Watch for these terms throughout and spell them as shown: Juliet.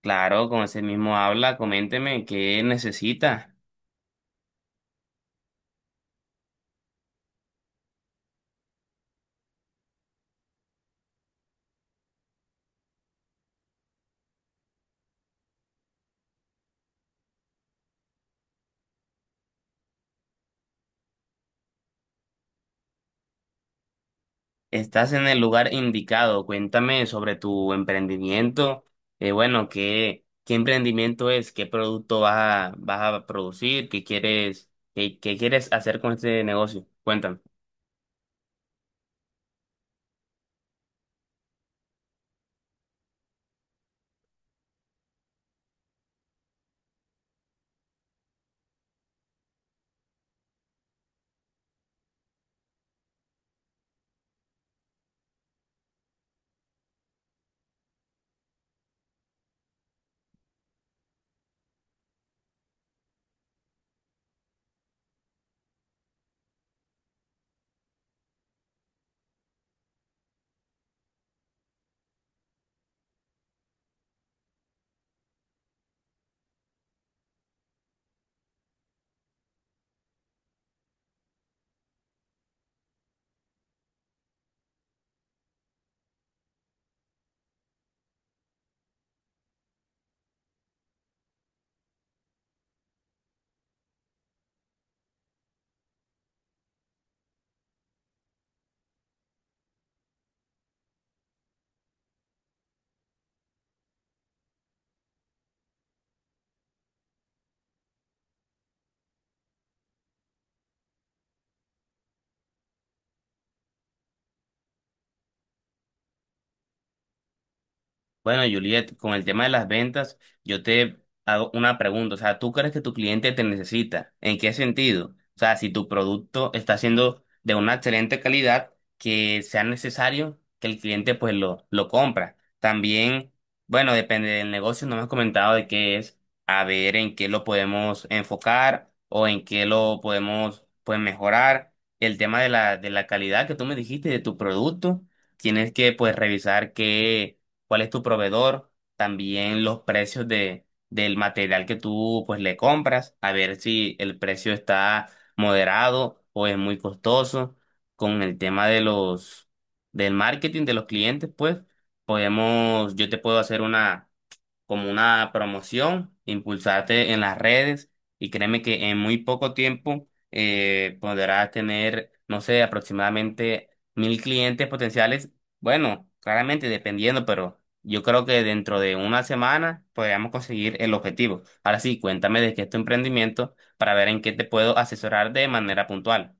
Claro, con ese mismo habla, coménteme qué necesita. Estás en el lugar indicado. Cuéntame sobre tu emprendimiento. Bueno, ¿qué emprendimiento es? ¿Qué producto vas a producir? ¿Qué quieres, qué quieres hacer con este negocio? Cuéntame. Bueno, Juliet, con el tema de las ventas, yo te hago una pregunta. O sea, ¿tú crees que tu cliente te necesita? ¿En qué sentido? O sea, si tu producto está siendo de una excelente calidad, que sea necesario que el cliente pues lo compra. También, bueno, depende del negocio, no me has comentado de qué es, a ver en qué lo podemos enfocar o en qué lo podemos pues mejorar. El tema de de la calidad que tú me dijiste de tu producto, tienes que pues revisar qué cuál es tu proveedor, también los precios del material que tú pues le compras, a ver si el precio está moderado o es muy costoso. Con el tema de los del marketing de los clientes, pues podemos, yo te puedo hacer una como una promoción, impulsarte en las redes y créeme que en muy poco tiempo podrás tener, no sé, aproximadamente 1.000 clientes potenciales. Bueno, claramente dependiendo, pero yo creo que dentro de una semana podríamos conseguir el objetivo. Ahora sí, cuéntame de qué es tu emprendimiento para ver en qué te puedo asesorar de manera puntual.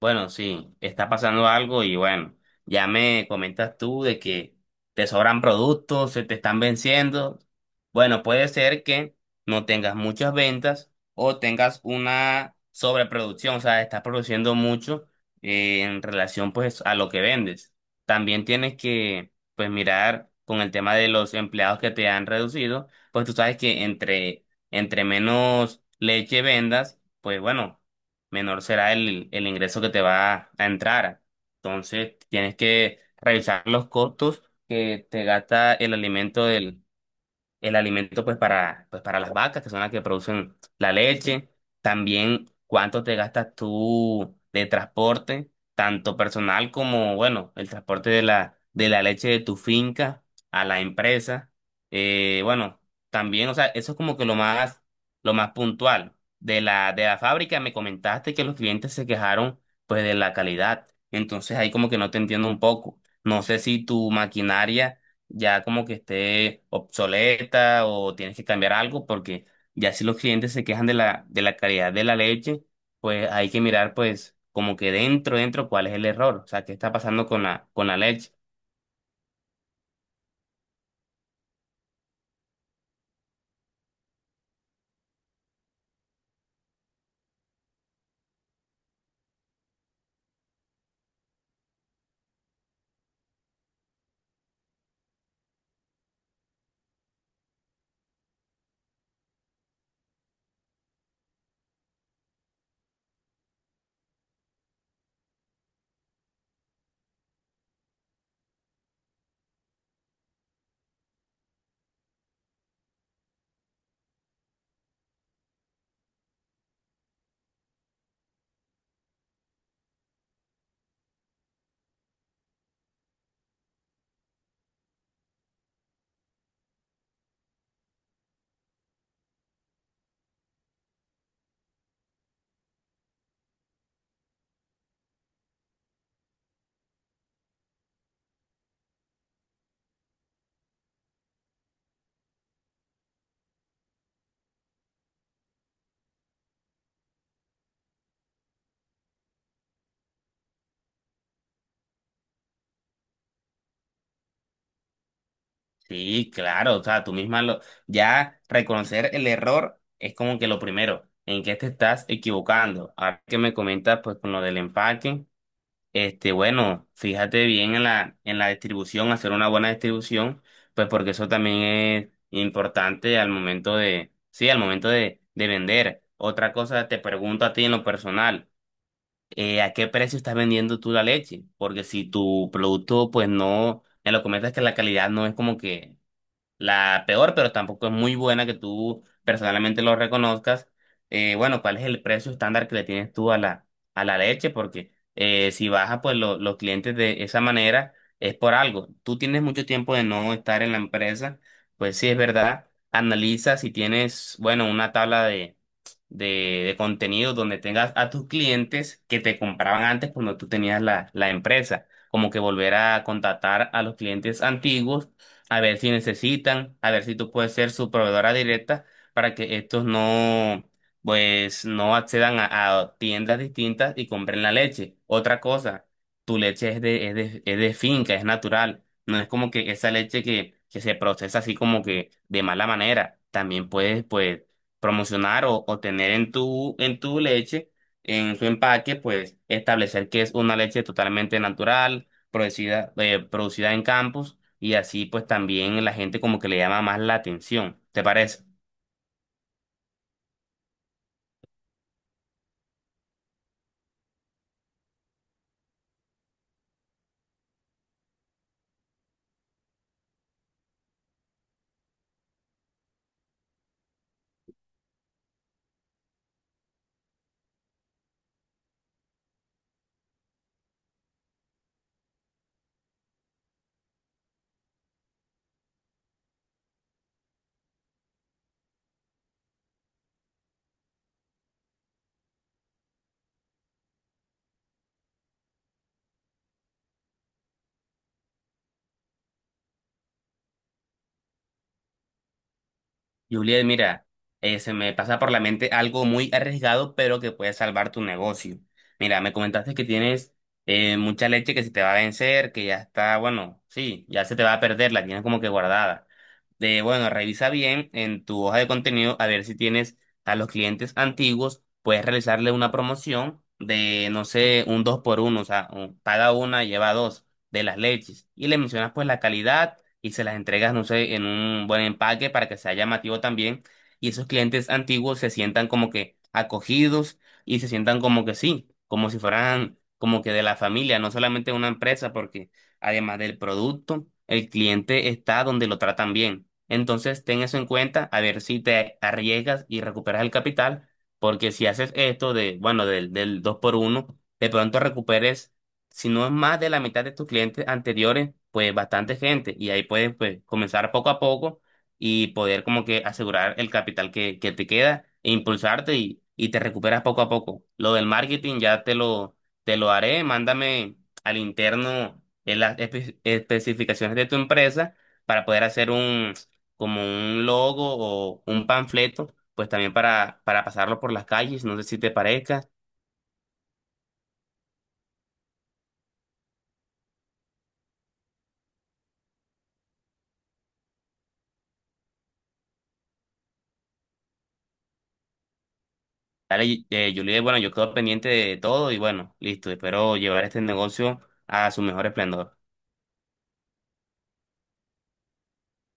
Bueno, sí, está pasando algo y bueno, ya me comentas tú de que te sobran productos, se te están venciendo. Bueno, puede ser que no tengas muchas ventas o tengas una sobreproducción, o sea, estás produciendo mucho en relación pues a lo que vendes. También tienes que pues mirar con el tema de los empleados que te han reducido, pues tú sabes que entre menos leche vendas, pues bueno menor será el ingreso que te va a entrar. Entonces, tienes que revisar los costos que te gasta el alimento del, el alimento pues para, pues para las vacas, que son las que producen la leche, también cuánto te gastas tú de transporte, tanto personal como, bueno, el transporte de de la leche de tu finca a la empresa. Eh, bueno, también, o sea, eso es como que lo más puntual. De de la fábrica me comentaste que los clientes se quejaron pues de la calidad. Entonces ahí como que no te entiendo un poco. No sé si tu maquinaria ya como que esté obsoleta o tienes que cambiar algo, porque ya si los clientes se quejan de de la calidad de la leche, pues hay que mirar pues como que dentro, cuál es el error, o sea, qué está pasando con con la leche. Sí, claro, o sea, tú misma lo, ya reconocer el error es como que lo primero, en qué te estás equivocando. Ahora que me comentas pues con lo del empaque. Este, bueno, fíjate bien en en la distribución, hacer una buena distribución, pues porque eso también es importante al momento de, sí, al momento de vender. Otra cosa, te pregunto a ti en lo personal, ¿a qué precio estás vendiendo tú la leche? Porque si tu producto, pues no, en lo que comentas que la calidad no es como que la peor, pero tampoco es muy buena que tú personalmente lo reconozcas. Bueno, ¿Cuál es el precio estándar que le tienes tú a a la leche? Porque si baja, pues los clientes de esa manera es por algo. Tú tienes mucho tiempo de no estar en la empresa, pues sí es verdad. Analiza si tienes, bueno, una tabla de de contenido donde tengas a tus clientes que te compraban antes cuando tú tenías la empresa. Como que volver a contactar a los clientes antiguos, a ver si necesitan, a ver si tú puedes ser su proveedora directa para que estos no, pues, no accedan a tiendas distintas y compren la leche. Otra cosa, tu leche es es de finca, es natural. No es como que esa leche que se procesa así como que de mala manera. También puedes, pues, promocionar o tener en en tu leche, en su empaque, pues establecer que es una leche totalmente natural, producida, producida en campos, y así pues también la gente como que le llama más la atención. ¿Te parece? Juliet, mira, se me pasa por la mente algo muy arriesgado, pero que puede salvar tu negocio. Mira, me comentaste que tienes mucha leche que se te va a vencer, que ya está, bueno, sí, ya se te va a perder, la tienes como que guardada. De, bueno, revisa bien en tu hoja de contenido a ver si tienes a los clientes antiguos, puedes realizarle una promoción de, no sé, un 2 por 1, o sea, paga una, lleva 2 de las leches. Y le mencionas pues la calidad y se las entregas, no sé, en un buen empaque para que sea llamativo también. Y esos clientes antiguos se sientan como que acogidos y se sientan como que sí, como si fueran como que de la familia, no solamente de una empresa, porque además del producto, el cliente está donde lo tratan bien. Entonces, ten eso en cuenta, a ver si te arriesgas y recuperas el capital, porque si haces esto de, bueno, del, del 2 por 1 de pronto recuperes si no es más de la mitad de tus clientes anteriores, pues bastante gente. Y ahí puedes pues, comenzar poco a poco y poder como que asegurar el capital que te queda e impulsarte y te recuperas poco a poco. Lo del marketing ya te lo haré. Mándame al interno en las especificaciones de tu empresa para poder hacer un, como un logo o un panfleto, pues también para pasarlo por las calles. No sé si te parezca. Dale, Juliet, bueno, yo quedo pendiente de todo y bueno, listo, espero llevar este negocio a su mejor esplendor.